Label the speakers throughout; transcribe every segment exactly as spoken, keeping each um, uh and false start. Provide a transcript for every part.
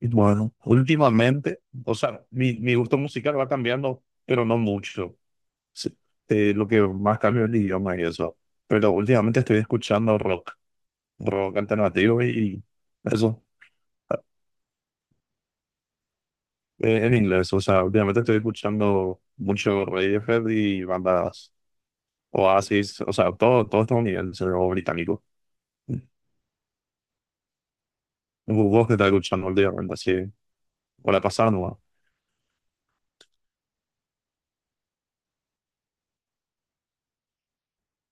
Speaker 1: Y Bueno, últimamente, o sea, mi, mi gusto musical va cambiando, pero no mucho. Sí, eh, lo que más cambia es el idioma y eso. Pero últimamente estoy escuchando rock, rock alternativo y eso, eh, en inglés. O sea, últimamente estoy escuchando mucho Radiohead y bandas Oasis, o sea, todo, todo estadounidense o británico. ¿Vos qué estás escuchando últimamente? Así, o la pasada, ¿no?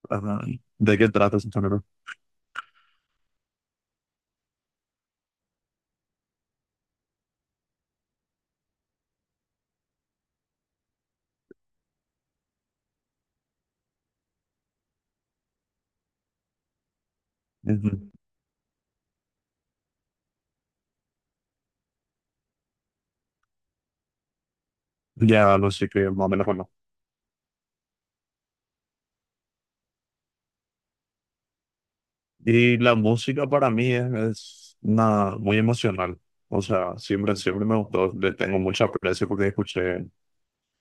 Speaker 1: Ajá. ¿De qué trata ese género? Ujú. Ya, no sé qué, más o menos. Y la música para mí es, es una, muy emocional. O sea, siempre, siempre me gustó. Le tengo mucha aprecio porque escuché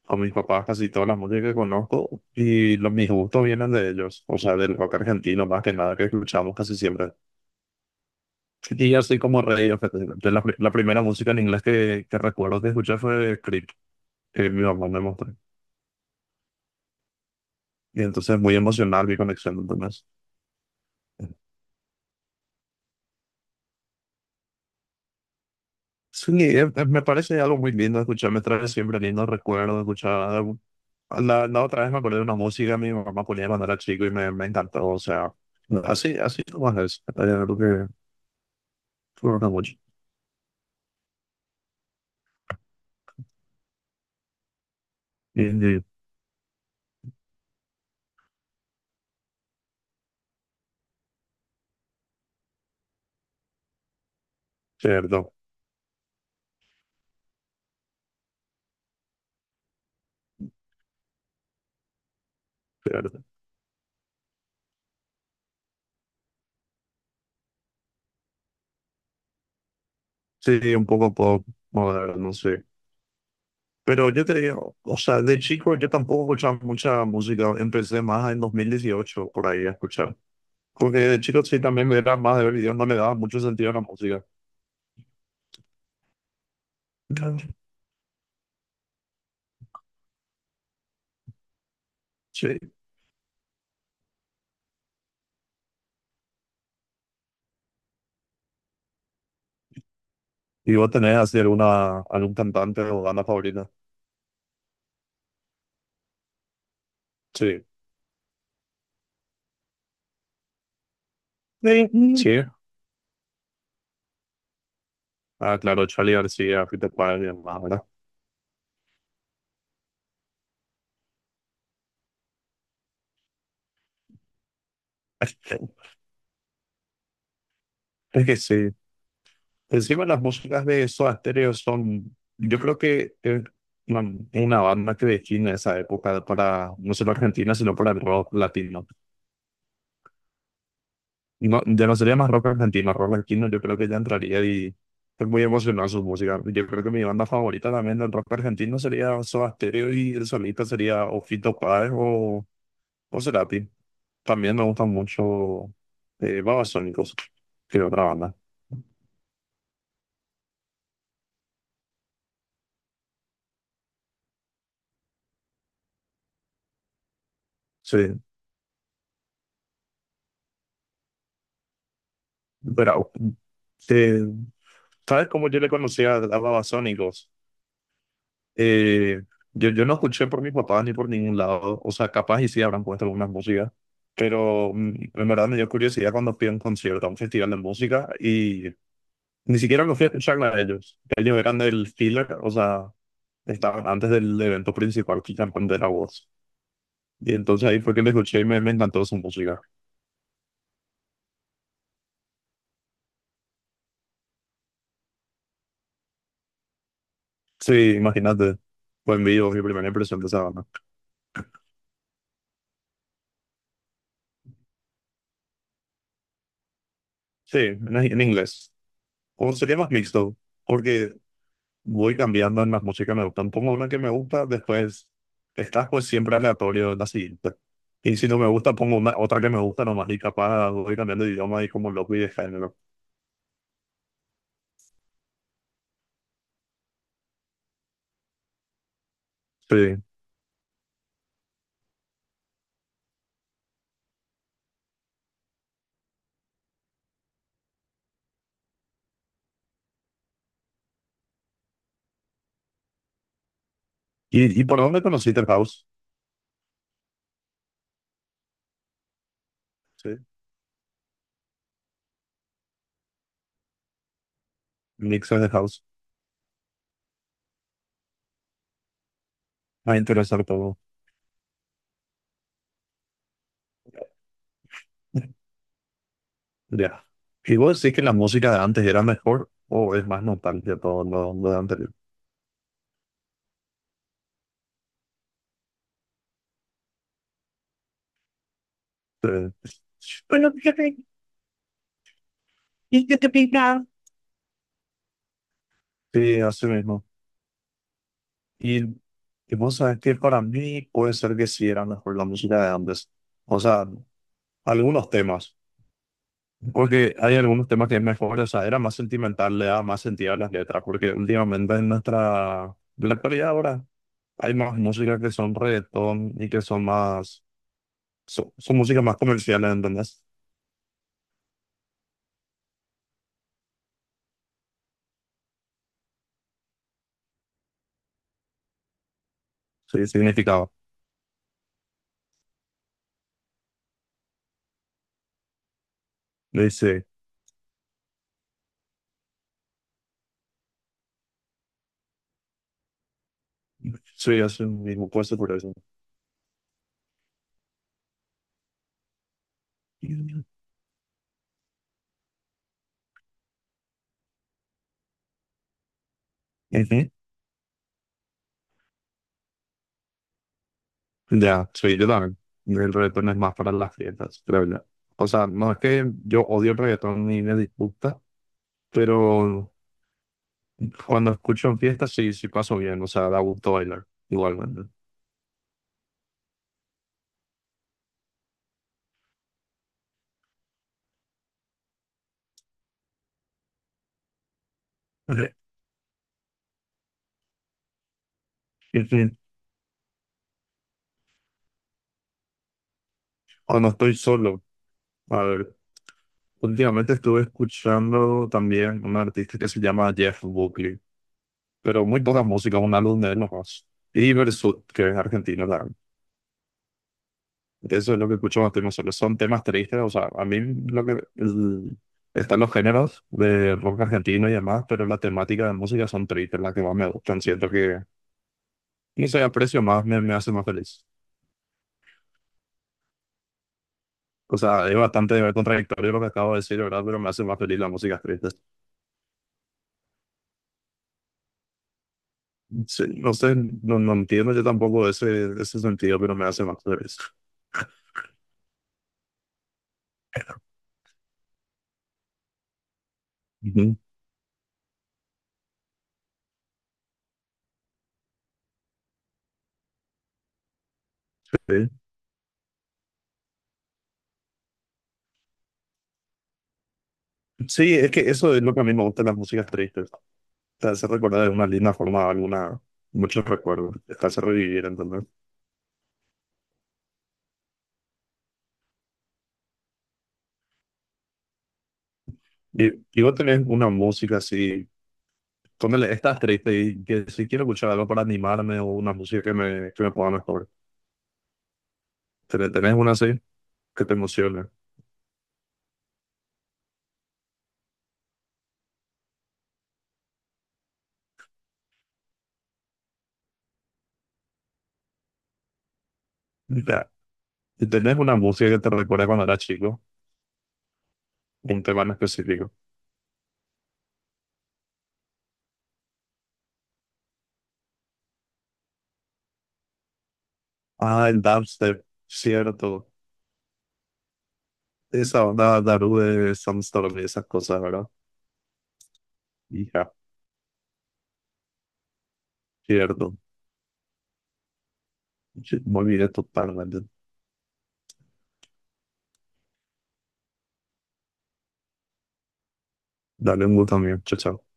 Speaker 1: a mis papás casi toda la música que conozco y los, mis gustos vienen de ellos. O sea, del rock argentino más que nada que escuchamos casi siempre. Y yo soy como rey. O sea, de La, pri- la primera música en inglés que, que recuerdo que escuché fue Creep, que mi mamá me mostró. Y entonces muy emocional mi conexión, entonces. Sí, eh, eh, me parece algo muy lindo escuchar, me trae siempre lindos recuerdos, escuchar. La, la otra vez me acordé de una música que mi mamá ponía cuando era chico y me, me encantó. O sea, no, así, así nomás es. Eh, Lo que fue una mucho. Y- y- Cierto, cierto. Sí, un poco pop moderno, sí. Pero yo te digo, o sea, de chico yo tampoco escuchaba mucha música. Empecé más en dos mil dieciocho por ahí a escuchar. Porque de chico sí también me era más de ver videos, no le daba mucho sentido a la música. Claro. Sí. ¿Y vos tenés así alguna, algún cantante o banda favorita? Sí. Sí. Sí. Ah, claro, Charlie García, Peter Pan y demás, ¿verdad? Es que sí. Encima las músicas de Soda Stereo son, yo creo que es una, una banda que define esa época para, no solo Argentina, sino para el rock latino. No, ya no sería más rock argentino, rock latino yo creo que ya entraría y es muy emocionante su música. Yo creo que mi banda favorita también del rock argentino sería Soda Stereo y el solista sería o Fito Páez o, o Cerati. También me gustan mucho eh, Babasónicos, que es otra banda. Sí, pero eh, ¿sabes cómo yo le conocía a a Babasónicos? Eh, yo, yo no escuché por mis papás ni por ningún lado, o sea, capaz y sí habrán puesto algunas músicas, pero mm, en verdad me dio curiosidad cuando fui a un concierto, a un festival de música, y ni siquiera los fui a escuchar a ellos. Ellos eran del filler, o sea, estaban antes del evento principal, que ya la voz. Y entonces ahí fue que le escuché y me, me encantó su música. Sí, imagínate. Fue en vivo mi primera impresión de esa banda. Sí, en, en inglés. O sería más mixto, porque voy cambiando en las músicas que me gustan. Pongo una que me gusta, después estás pues siempre aleatorio en la siguiente. Y si no me gusta, pongo una, otra que me gusta nomás y capaz voy cambiando de idioma y como loco y de género. Sí. ¿Y, y por dónde conociste el house? Sí, mixes de house. Va a interesar todo. Ya. ¿Y vos decís que la música de antes era mejor o es más nostalgia todo lo, lo de anterior? Eh, Bueno, yo y yo te pintaba. Sí, así mismo. Y, y vos sabés que para mí puede ser que sí era mejor la música de antes. O sea, algunos temas. Porque hay algunos temas que es mejor, o sea, era más sentimental, le daba más sentido a las letras. Porque últimamente en nuestra, en la actualidad ahora, hay más música que son reggaetón y que son más, son, son músicas más comerciales, ¿entendés? Sí, significaba. Le Dice, soy hace un mismo puesto por eso. Ujú. Ya, sí, yo también. El reggaetón es más para las fiestas, creo yo. O sea, no es que yo odio el reggaetón ni me disgusta, pero cuando escucho en fiestas sí, sí paso bien. O sea, da gusto bailar, igualmente. Ujú. En fin, cuando estoy solo, a ver, últimamente estuve escuchando también un artista que se llama Jeff Buckley, pero muy poca música, un álbum de él nomás. Y Versus, que es argentino, eso es lo que escucho más temas solo. Son temas tristes, o sea, a mí lo que el- están los géneros de rock argentino y demás, pero la temática de música son tristes, las que más me gustan. Siento que, no sé, aprecio más, me, me hace más feliz. O sea, es bastante contradictorio lo que acabo de decir, ¿verdad? Pero me hace más feliz la música triste. Sí, no sé, no, no entiendo yo tampoco ese, ese sentido, pero me hace más feliz. Ujú, sí, sí, es que eso es lo que a mí me gusta de las músicas tristes. Te hace recordar de una linda forma alguna, muchos recuerdos, te hace revivir, ¿entendés? Y, y vos tenés una música así, ponele, estás triste y que si quiero escuchar algo para animarme o una música que me, que me ponga mejor. Tene- ¿Tenés una así que te emocione? Ya. Y tenés una música que te recuerda cuando eras chico, un tema en específico. Ah, el dubstep, cierto. Esa onda Daru de Sandstorm y esas cosas, ¿verdad? Hija, cierto. Sí, muy bien, totalmente. Dale un gusto mío. Chao, chao.